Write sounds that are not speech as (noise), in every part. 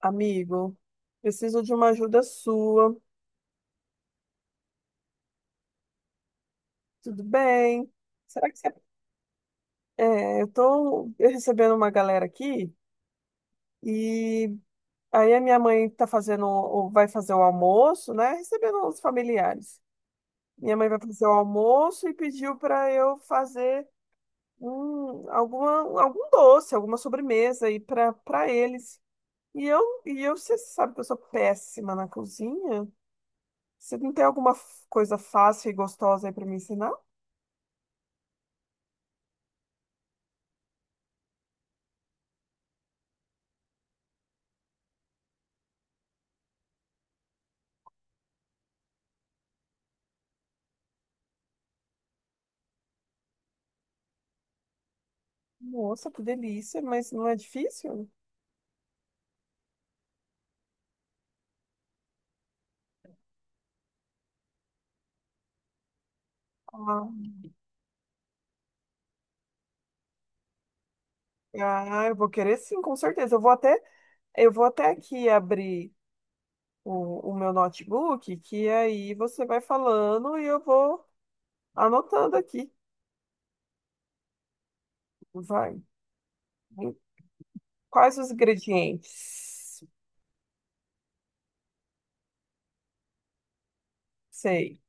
Amigo, preciso de uma ajuda sua. Tudo bem? Será que você... eu tô recebendo uma galera aqui e aí a minha mãe tá fazendo, vai fazer o almoço, né? Recebendo os familiares. Minha mãe vai fazer o almoço e pediu para eu fazer algum doce, alguma sobremesa aí para eles. Você sabe que eu sou péssima na cozinha. Você não tem coisa fácil e gostosa aí para me ensinar? Nossa, que delícia, mas não é difícil? Ah, ah, eu vou querer sim, com certeza. Eu vou até aqui abrir o meu notebook, que aí você vai falando e eu vou anotando aqui. Vai. Quais os ingredientes? Sei,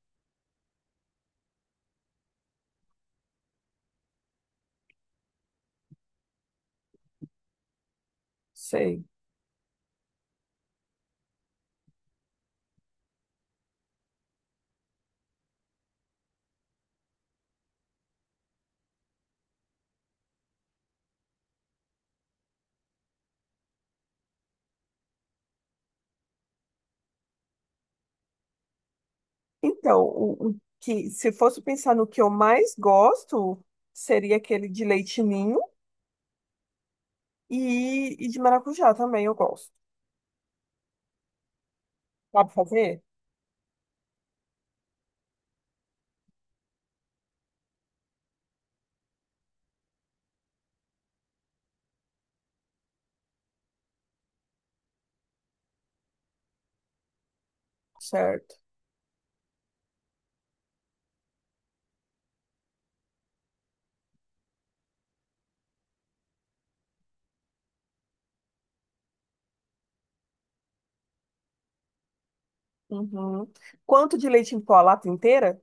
sei. Então, o que, se fosse pensar no que eu mais gosto, seria aquele de leite ninho e de maracujá também eu gosto. Sabe fazer? Certo. Uhum. Quanto de leite em pó? A lata inteira?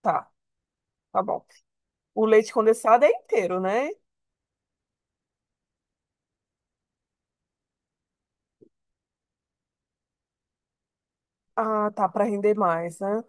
Tá, tá bom. O leite condensado é inteiro, né? Ah, tá, para render mais, né?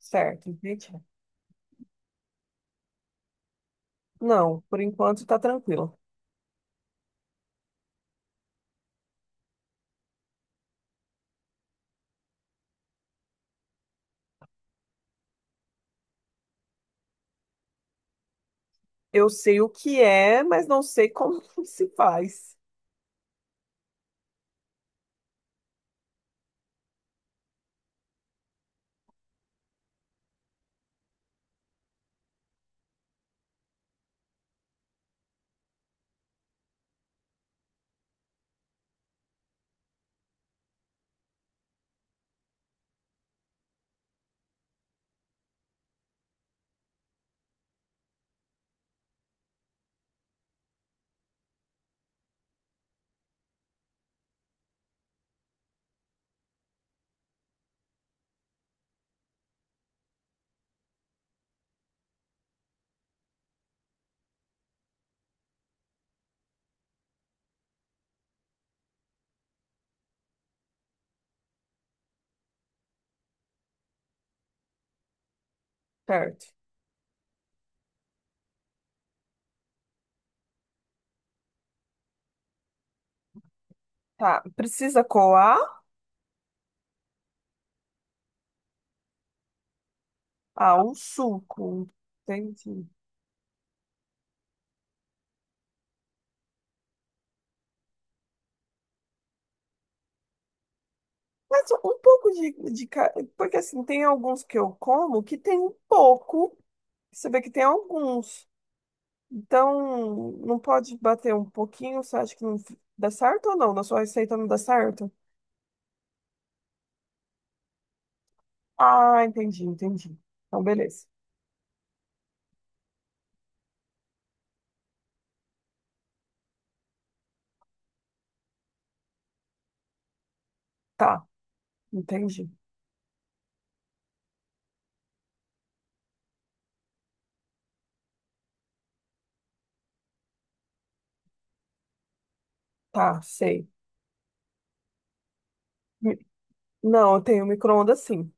Certo, entendi. Não, por enquanto tá tranquilo. Eu sei o que é, mas não sei como (laughs) se faz. Certo. Tá, precisa coar? Ah, um suco. Entendi. Mas um pouco porque assim, tem alguns que eu como que tem um pouco. Você vê que tem alguns. Então, não pode bater um pouquinho? Você acha que não f- dá certo ou não? Na sua receita não dá certo? Ah, entendi, entendi. Então, beleza. Tá, entendi. Tá, sei. Mi- Não, eu tenho micro-ondas sim.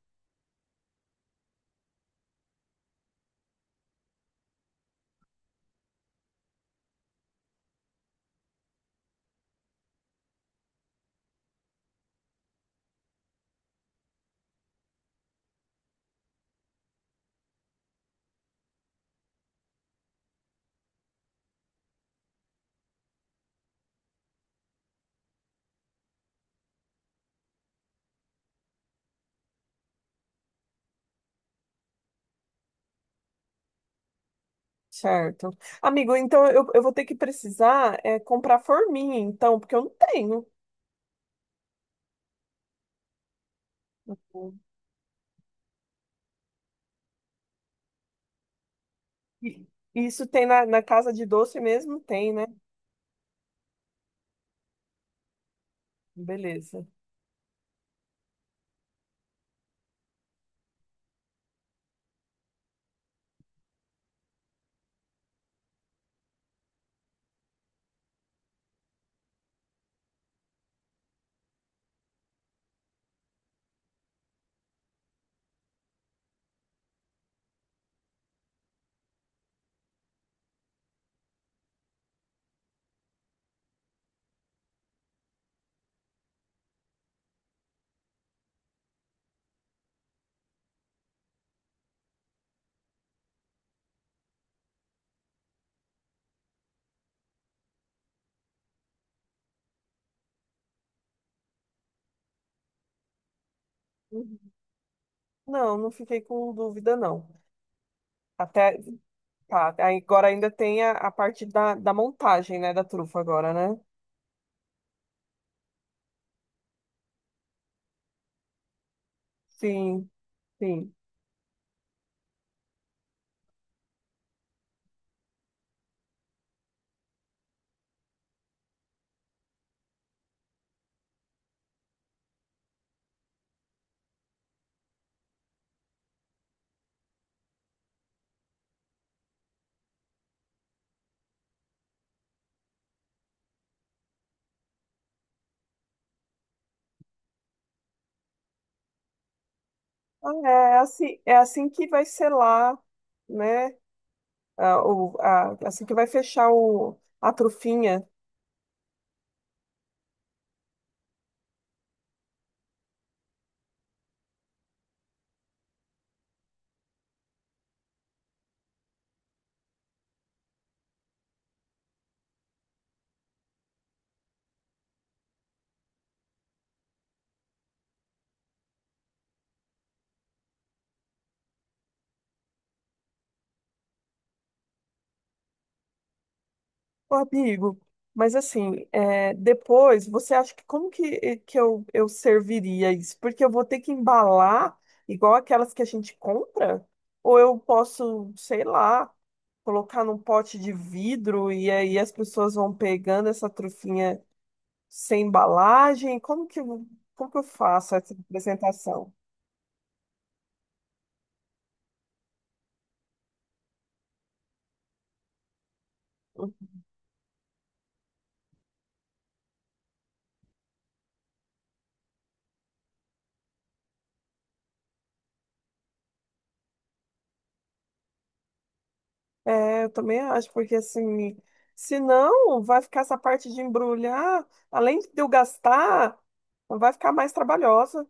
Certo. Amigo, então eu vou ter que precisar comprar forminha, então, porque eu não tenho. E- Isso tem na, na casa de doce mesmo? Tem, né? Beleza. Uhum. Não, não fiquei com dúvida, não. Até, tá, aí agora ainda tem a parte da, da montagem, né, da trufa agora, né? Sim, sim. Ah, É é assim que vai selar, né? Assim que vai fechar a trufinha. Ô, amigo, mas assim, é, depois você acha que como que, que eu serviria isso? Porque eu vou ter que embalar igual aquelas que a gente compra? Ou eu posso, sei lá, colocar num pote de vidro e aí as pessoas vão pegando essa trufinha sem embalagem? Como que eu faço essa apresentação? É, eu também acho, porque assim, se não, vai ficar essa parte de embrulhar, além de eu gastar, vai ficar mais trabalhosa.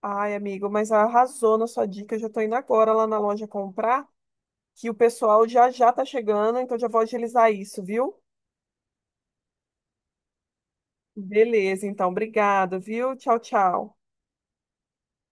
Ai, amigo, mas arrasou na sua dica, eu já tô indo agora lá na loja comprar, que o pessoal já tá chegando, então já vou agilizar isso, viu? Beleza, então, obrigado, viu? Tchau, tchau.